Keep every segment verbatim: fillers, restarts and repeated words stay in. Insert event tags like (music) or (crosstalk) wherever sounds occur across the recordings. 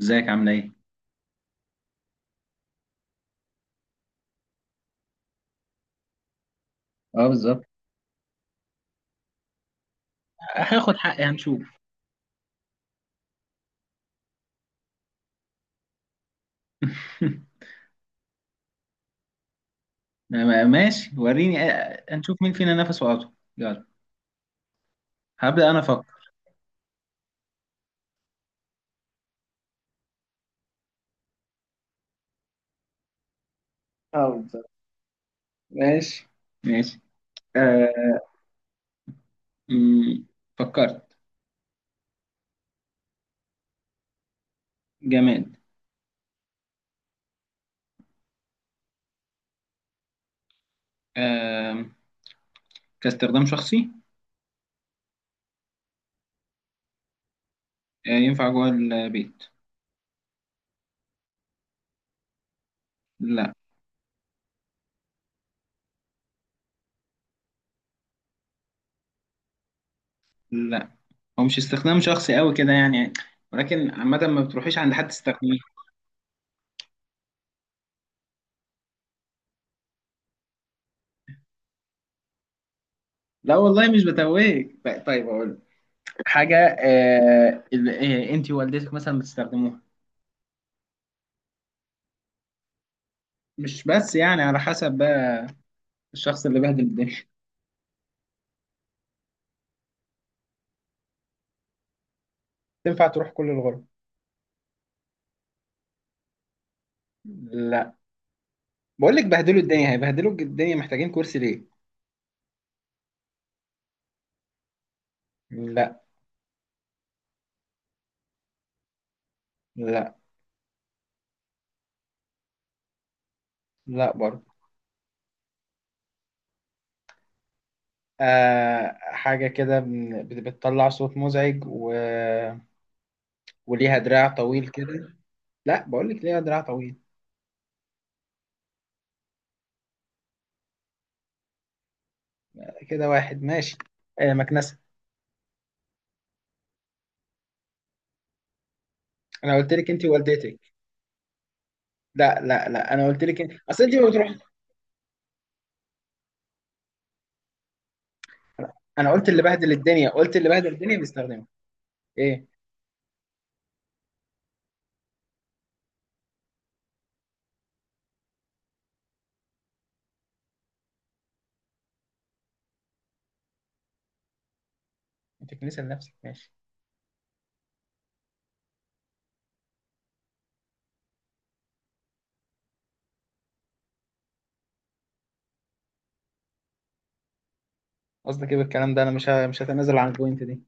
ازيك عامله ايه؟ اه بالظبط. هاخد حقي هنشوف. (laughs) ما- ماشي، وريني، آه، هنشوف مين فينا نفسه اطول. يلا. هبدأ انا افكر. اه بالظبط. ماشي ماشي. آه. مم، فكرت. جماد. آه. كاستخدام شخصي. آه، ينفع جوه البيت. لا لا، هو مش استخدام شخصي قوي كده يعني، ولكن عامة ما بتروحيش عند حد تستخدميه. لا والله مش بتوهك. طيب اقول حاجة آه ال- آه، انت ووالدتك مثلا بتستخدموها. مش بس يعني، على حسب بقى الشخص اللي بهدل الدنيا. تنفع تروح كل الغرف. لا، بقول لك بهدلوا الدنيا، هيبهدلوا الدنيا، محتاجين كرسي ليه؟ لا. لا. لا برضه. آه حاجة كده بن- بت- بتطلع صوت مزعج، و... وليها دراع طويل كده. لا، بقول لك ليها دراع طويل. كده واحد ماشي. آه، مكنسة. انا قلت لك انت ووالدتك. لا لا لا، انا قلت لك إن- اصل انت ما بتروح. انا قلت اللي بهدل الدنيا، قلت اللي بهدل الدنيا بيستخدمه. ايه. انت كنيسة لنفسك، ماشي. قصدك ايه بالكلام ده؟ انا مش ه... مش هتنازل عن البوينت دي.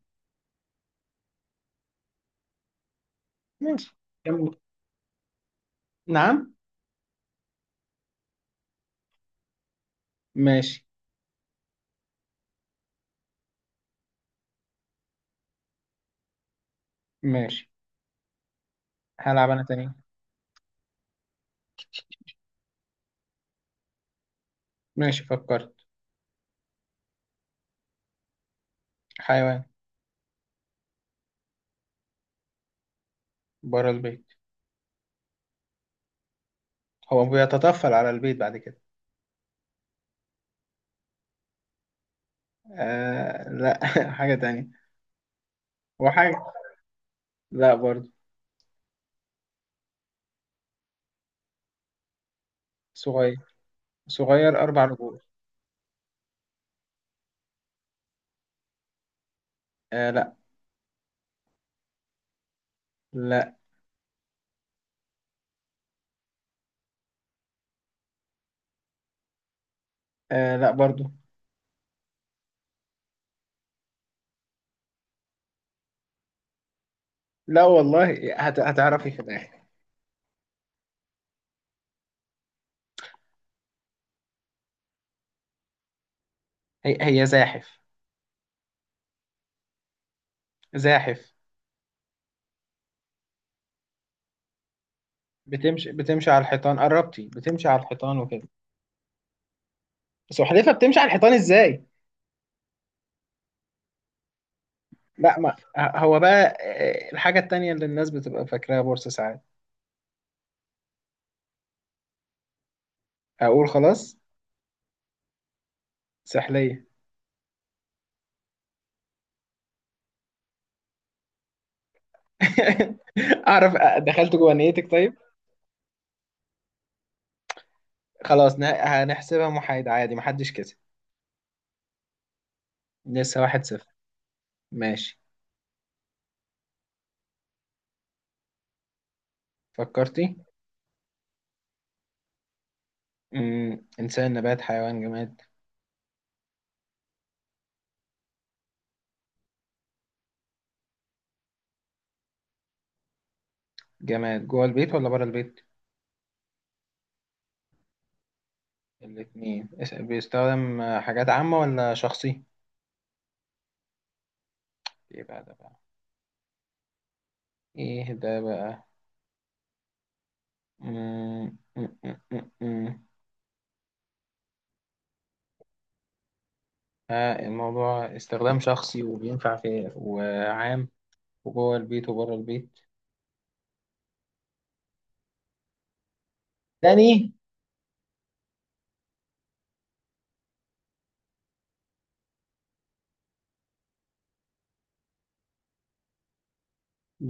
ماشي. كمل. نعم. ماشي. ماشي. هلعب انا تاني. ماشي، فكرت. حيوان. بره البيت. هو بيتطفل على البيت بعد كده. آه لا. (laughs) حاجة تانية. هو حاجة. لا برضو. صغير. صغير، أربع رجول. آه لا. لا. آه لا برضو. لا والله هت... هتعرفي في الآخر. هي... هي زاحف. زاحف. بتمشي بتمشي على الحيطان، قربتي بتمشي على الحيطان وكده. بس وحدتها بتمشي على الحيطان ازاي؟ لا، ما هو بقى. آه، الحاجة التانية اللي الناس بتبقى فاكراها بورصة ساعات. أقول خلاص. سحلية. (laughs) أعرف. آه، دخلت جوه نيتك طيب. خلاص، ن- هنحسبها محايدة عادي، محدش كسب. لسه واحد صفر. ماشي. فكرتي. مم. إنسان نبات حيوان جماد. جماد جوه البيت ولا بره البيت؟ الاتنين. اس- بيستخدم آه، حاجات عامة ولا شخصي؟ إيه بقى ده بقى؟ إيه ده بقى؟ مم. مم. مم. مم. آه الموضوع استخدام شخصي وبينفع في وعام، وجوه البيت وبره البيت. تاني.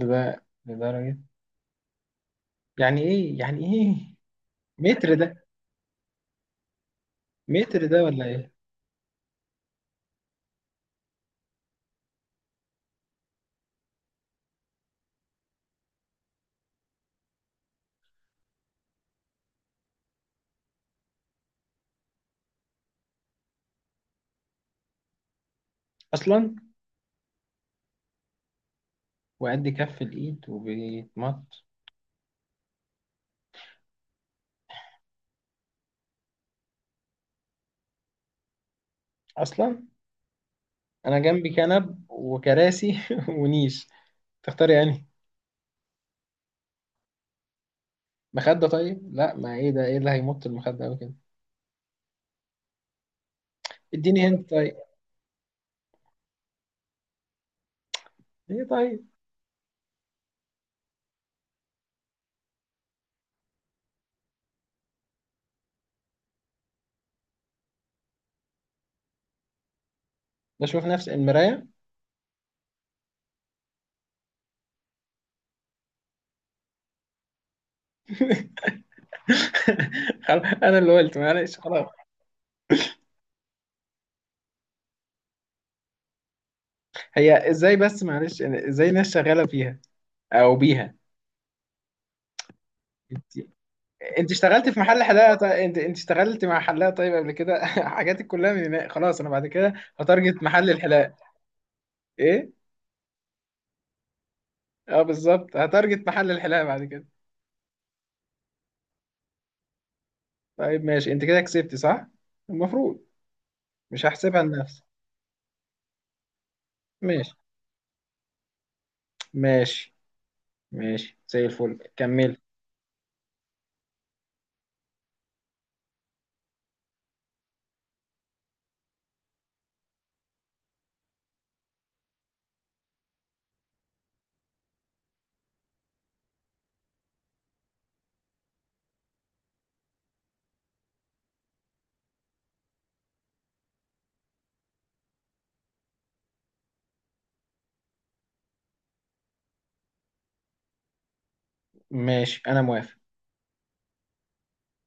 ده لدرجة. يعني ايه؟ يعني ايه؟ متر ده؟ متر ده ولا ايه؟ اصلا. وقد كف الايد وبيتمط. اصلا. انا جنبي كنب وكراسي (laughs) ونيش. تختار يعني. مخدة؟ طيب لا، ما ايه ده؟ ايه اللي هيمط المخدة اوي كده؟ اديني هنت طيب. ايه طيب. بشوف نفسي المراية. (laughs) خلاص، انا اللي قلت، معلش خلاص. هي ازاي بس؟ معلش يعني ازاي الناس شغاله فيها او بيها؟ انت انت اشتغلت في محل حلاقه طيب. انت انت اشتغلت مع حلاقه طيب قبل كده. (laughs) حاجاتك كلها من هناك. خلاص انا بعد كده هتارجت محل الحلاقه. ايه. اه بالظبط، هتارجت محل الحلاقه بعد كده. طيب ماشي، انت كده كسبت صح. المفروض. مش هحسبها لنفسي. ماشي ماشي ماشي، زي الفل كملي. ماشي انا موافق.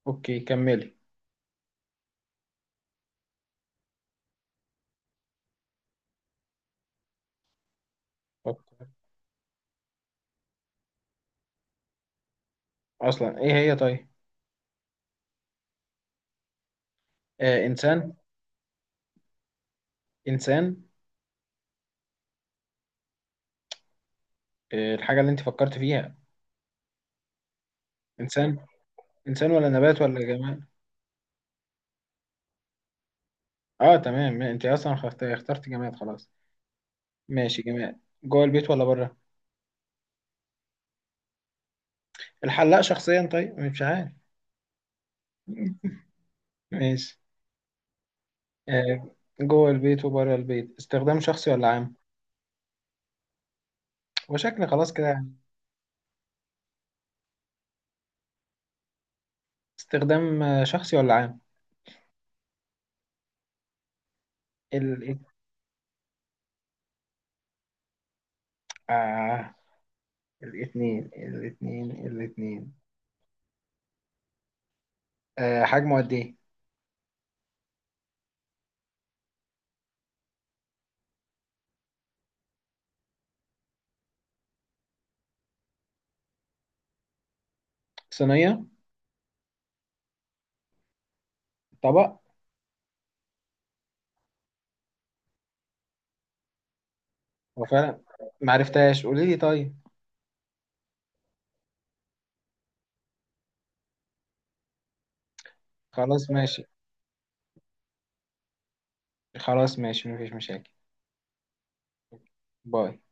اوكي كملي. فكر. اصلا ايه هي طيب. آه، انسان. انسان. آه الحاجه اللي انت فكرت فيها. انسان. انسان ولا نبات ولا جماد؟ اه تمام، ما انت اصلا خفت- اخترت جماد خلاص. ماشي، جماد جوه البيت ولا بره؟ الحلاق شخصيا؟ طيب مش عارف. ماشي. آه. جوه البيت وبره البيت، استخدام شخصي ولا عام؟ وشكل خلاص كده يعني. استخدام آه، شخصي ولا عام؟ ال... آه، الاتنين الاتنين الاتنين. آه حجمه قد ايه؟ صينية. طبق. هو فعلا معرفتهاش، قولي لي طيب. خلاص ماشي. خلاص ماشي، مفيش مشاكل. باي.